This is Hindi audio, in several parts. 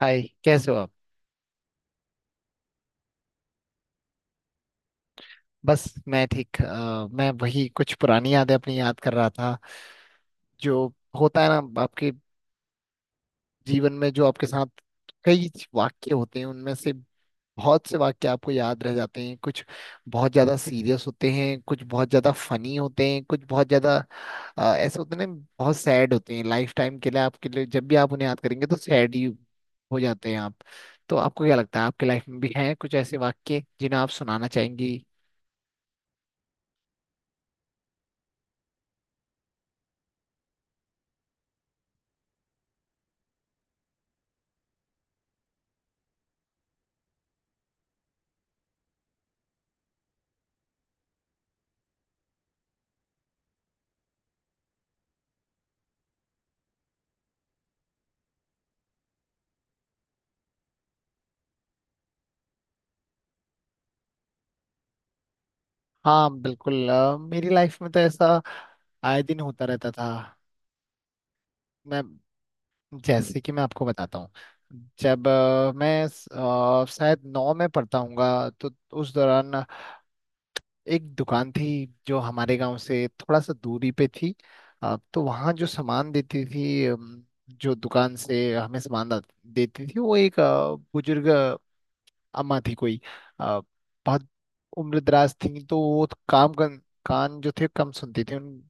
हाय, कैसे हो आप? बस। मैं ठीक। मैं वही कुछ पुरानी यादें अपनी याद कर रहा था। जो होता है ना आपके जीवन में, जो आपके साथ कई वाक्य होते हैं, उनमें से बहुत से वाक्य आपको याद रह जाते हैं। कुछ बहुत ज्यादा सीरियस होते हैं, कुछ बहुत ज्यादा फनी होते हैं, कुछ बहुत ज्यादा ऐसे होते हैं ना, बहुत सैड होते हैं लाइफ टाइम के लिए आपके लिए। जब भी आप उन्हें याद करेंगे तो सैड ही हो जाते हैं आप। तो आपको क्या लगता है, आपकी लाइफ में भी हैं कुछ ऐसे वाक्य जिन्हें आप सुनाना चाहेंगी? हाँ, बिल्कुल। मेरी लाइफ में तो ऐसा आए दिन होता रहता था। मैं जैसे कि मैं आपको बताता हूँ। जब मैं शायद नौ में पढ़ता हूँगा, तो उस दौरान एक दुकान थी जो हमारे गांव से थोड़ा सा दूरी पे थी। तो वहाँ जो सामान देती थी, जो दुकान से हमें सामान देती थी, वो एक बुजुर्ग अम्मा थी कोई। अ, बहुत उम्रदराज थी, तो वो तो कान जो थे कम सुनती थी उन।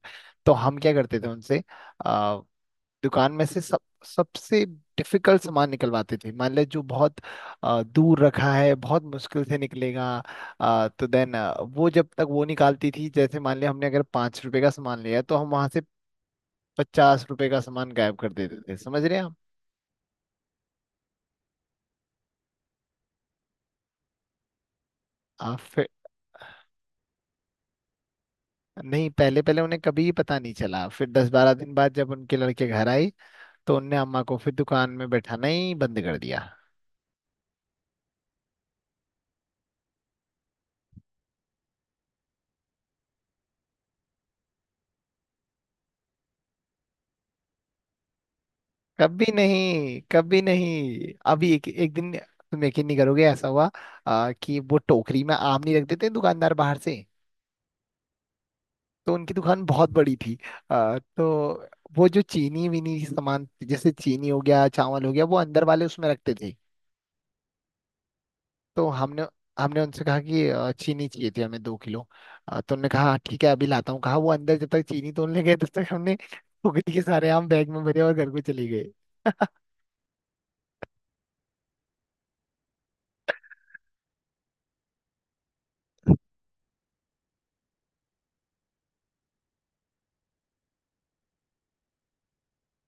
तो हम क्या करते थे उनसे, अ, दुकान में से सब सबसे डिफिकल्ट सामान निकलवाते थे। मान ले जो बहुत दूर रखा है, बहुत मुश्किल से निकलेगा। तो देन वो, जब तक वो निकालती थी, जैसे मान ले हमने अगर 5 रुपए का सामान लिया तो हम वहां से 50 रुपए का सामान गायब कर देते थे। समझ रहे हैं आप? आप फिर। नहीं, पहले पहले उन्हें कभी ही पता नहीं चला, फिर 10-12 दिन बाद जब उनके लड़के घर आई तो उनने अम्मा को फिर दुकान में बैठाना ही बंद कर दिया। कभी नहीं, कभी नहीं। अभी एक एक दिन तुम यकीन नहीं करोगे ऐसा हुआ। कि वो टोकरी में आम नहीं रख देते हैं दुकानदार बाहर से? तो उनकी दुकान बहुत बड़ी थी। तो वो जो चीनी वीनी की सामान, जैसे चीनी हो गया, चावल हो गया, वो अंदर वाले उसमें रखते थे। तो हमने हमने उनसे कहा कि चीनी चाहिए थी हमें 2 किलो। तो उन्होंने कहा "हाँ, ठीक है, अभी लाता हूँ" कहा। वो अंदर जब तक चीनी तोड़ने गए, तब तक हमने फुगड़ी के सारे आम बैग में भरे और घर को चले गए।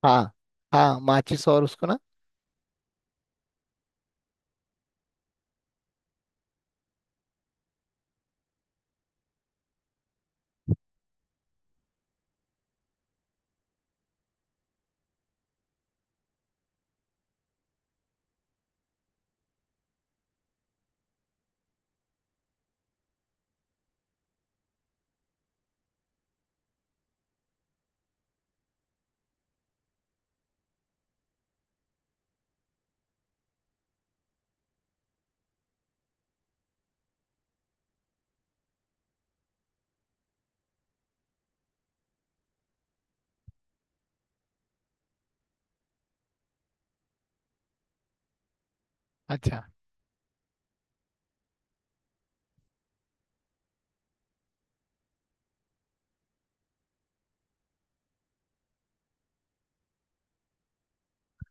हाँ। हाँ, माचिस। और उसको ना, अच्छा।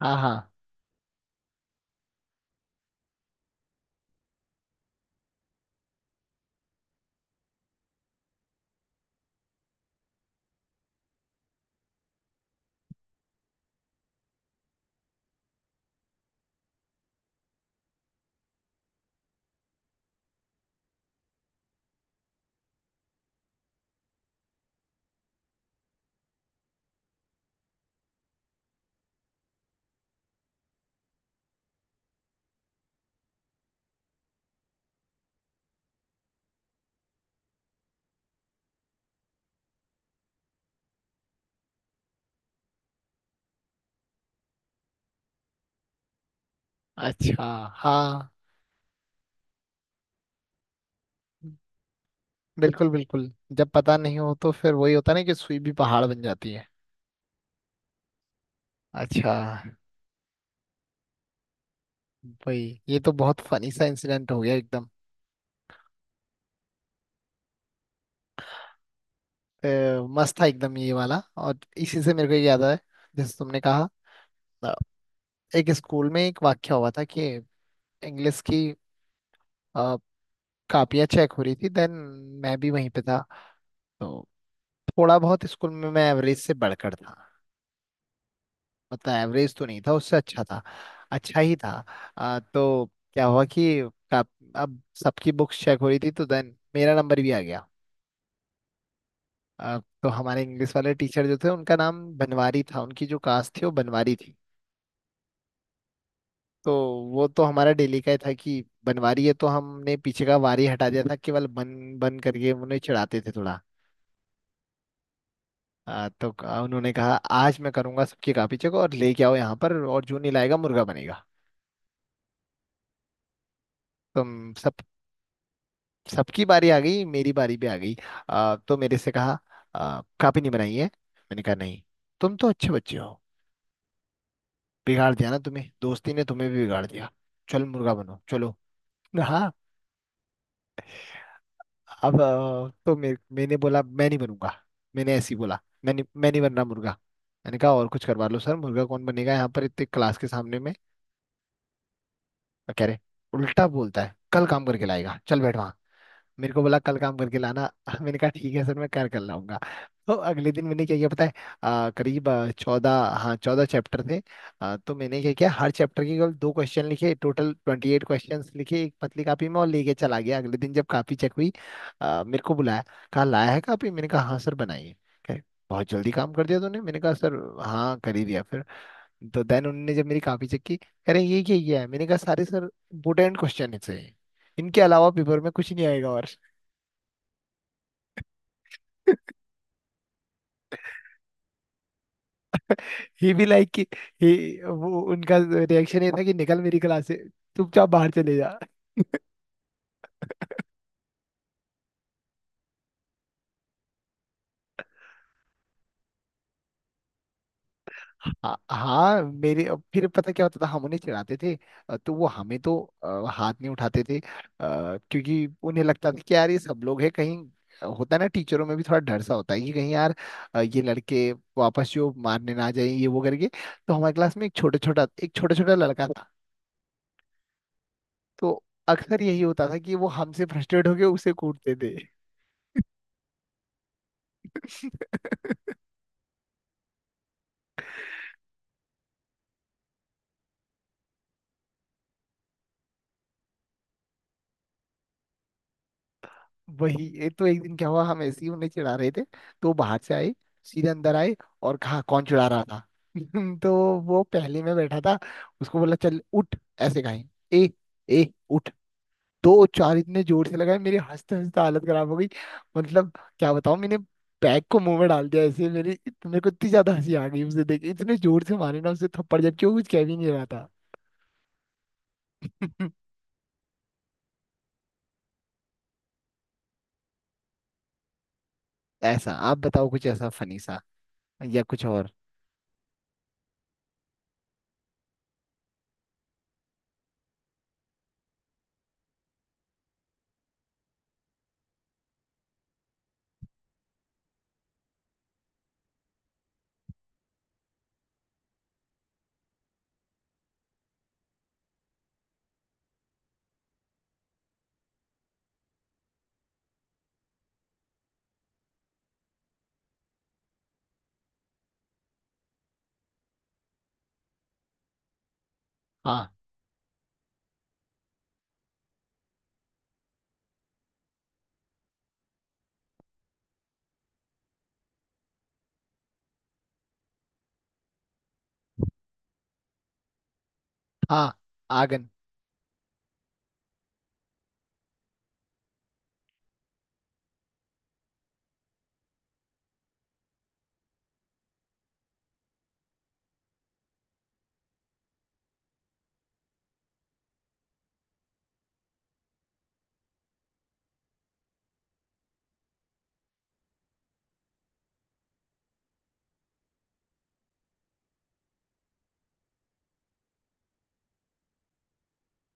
हाँ। हाँ, अच्छा। हाँ, बिल्कुल बिल्कुल। जब पता नहीं हो तो फिर वही होता ना कि सुई भी पहाड़ बन जाती है। अच्छा। भाई, ये तो बहुत फनी सा इंसिडेंट हो गया एकदम। अ, मस्त था एकदम ये वाला, और इसी से मेरे को ये याद आया। जैसे तुमने कहा, एक स्कूल में एक वाक्य हुआ था कि इंग्लिश की अ, कापियाँ चेक हो रही थी, देन मैं भी वहीं पे था। तो थोड़ा बहुत स्कूल में मैं एवरेज से बढ़कर था, मतलब एवरेज तो नहीं था, उससे अच्छा था। अच्छा ही था। तो क्या हुआ कि काप, अब सबकी बुक्स चेक हो रही थी, तो देन मेरा नंबर भी आ गया। अ, तो हमारे इंग्लिश वाले टीचर जो थे, उनका नाम बनवारी था, उनकी जो कास्ट थी वो बनवारी थी। तो वो तो हमारा डेली का ही था कि बनवारी है, तो हमने पीछे का वारी हटा दिया था, केवल बन बन करके उन्हें चिढ़ाते थे थोड़ा। तो उन्होंने कहा, आज मैं करूंगा सबकी कॉपी चेक और लेके आओ यहाँ पर, और जो नहीं लाएगा मुर्गा बनेगा। तो हम सब सबकी बारी आ गई, मेरी बारी भी आ गई। तो मेरे से कहा, कॉपी नहीं बनाई है? मैंने कहा नहीं। तुम तो अच्छे बच्चे हो, बिगाड़ दिया ना तुम्हें दोस्ती ने, तुम्हें भी बिगाड़ दिया, चल मुर्गा बनो चलो। "हाँ, अब तो मैंने बोला, मैं नहीं बनूंगा। मैंने ऐसे ही बोला। मैं नहीं बन रहा मुर्गा। मैंने कहा और कुछ करवा लो सर, मुर्गा कौन बनेगा यहाँ पर इतने क्लास के सामने में। कह रहे, उल्टा बोलता है, कल काम करके लाएगा, चल बैठ वहाँ। मेरे को बोला कल काम करके लाना। मैंने कहा ठीक है सर, मैं कर कर लाऊंगा। तो अगले दिन मैंने क्या किया पता है? करीब 14, हाँ 14 चैप्टर थे। तो मैंने क्या किया, हर चैप्टर के केवल दो क्वेश्चन लिखे, टोटल 28 क्वेश्चन लिखे एक पतली कापी में, और लेके चला गया। अगले दिन जब कापी चेक हुई, मेरे को बुलाया, कहा लाया है कापी? मैंने कहा, हाँ सर, बनाइए। कहे, बहुत जल्दी काम कर दिया तूने। मैंने कहा, सर हाँ, कर ही दिया फिर। तो देन उन्होंने जब मेरी कापी चेक की, कह रहे ये क्या ये है? मैंने कहा, सारे सर इंपोर्टेंट क्वेश्चन है, इनके अलावा पेपर में कुछ नहीं आएगा। और ही भी लाइक कि वो, उनका रिएक्शन ये था कि निकल मेरी क्लास से, चुपचाप बाहर चले जा। हाँ, हाँ। मेरे अब फिर पता क्या होता था, हम उन्हें चिढ़ाते थे, तो वो हमें तो हाथ नहीं उठाते थे, क्योंकि उन्हें लगता था कि यार ये सब लोग हैं कहीं। होता है ना, टीचरों में भी थोड़ा डर सा होता है कि कहीं यार ये लड़के वापस जो मारने ना जाए ये वो करके। तो हमारे क्लास में एक छोटा छोटा लड़का था। तो अक्सर यही होता था कि वो हमसे फ्रस्ट्रेट होके उसे कूटते थे। वही, ये तो एक दिन क्या हुआ, हम ऐसे ही उन्हें चिढ़ा रहे थे, तो वो बाहर से आए, सीधे अंदर आए और कहा कौन चिढ़ा रहा था? तो वो पहले में बैठा था, उसको बोला चल उठ, ऐसे कहा ए, ए उठ। दो चार इतने जोर से लगाए, मेरी हंसते हंसते हालत खराब हो गई। मतलब क्या बताऊं मैंने, बैग को मुंह में डाल दिया ऐसे, मेरी मेरे को इतनी ज्यादा हंसी आ गई उसे देख के। इतने जोर से मारे ना उसे थप्पड़, जबकि वो कुछ कह भी नहीं रहा था। ऐसा आप बताओ कुछ ऐसा फनी सा, या कुछ और। हाँ। हाँ, आगन।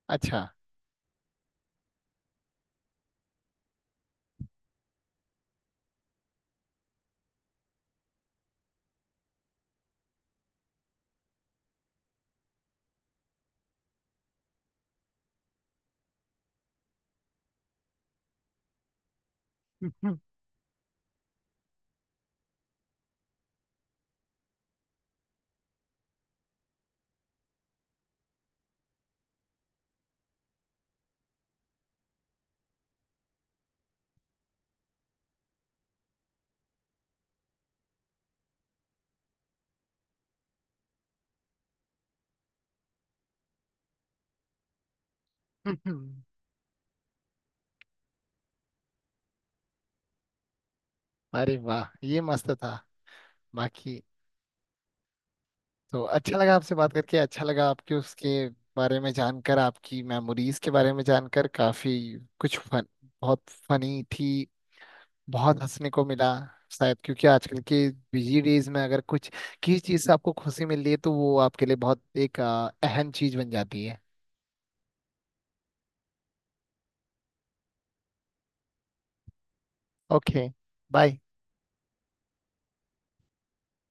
अच्छा। अरे वाह, ये मस्त था। बाकी, तो अच्छा लगा आपसे बात करके, अच्छा लगा आपके उसके बारे में जानकर, आपकी मेमोरीज के बारे में जानकर। काफी कुछ फन बहुत फनी थी, बहुत हंसने को मिला। शायद क्योंकि आजकल के बिजी डेज में अगर कुछ, किसी चीज से आपको खुशी मिल रही है, तो वो आपके लिए बहुत एक अहम चीज बन जाती है। ओके। बाय।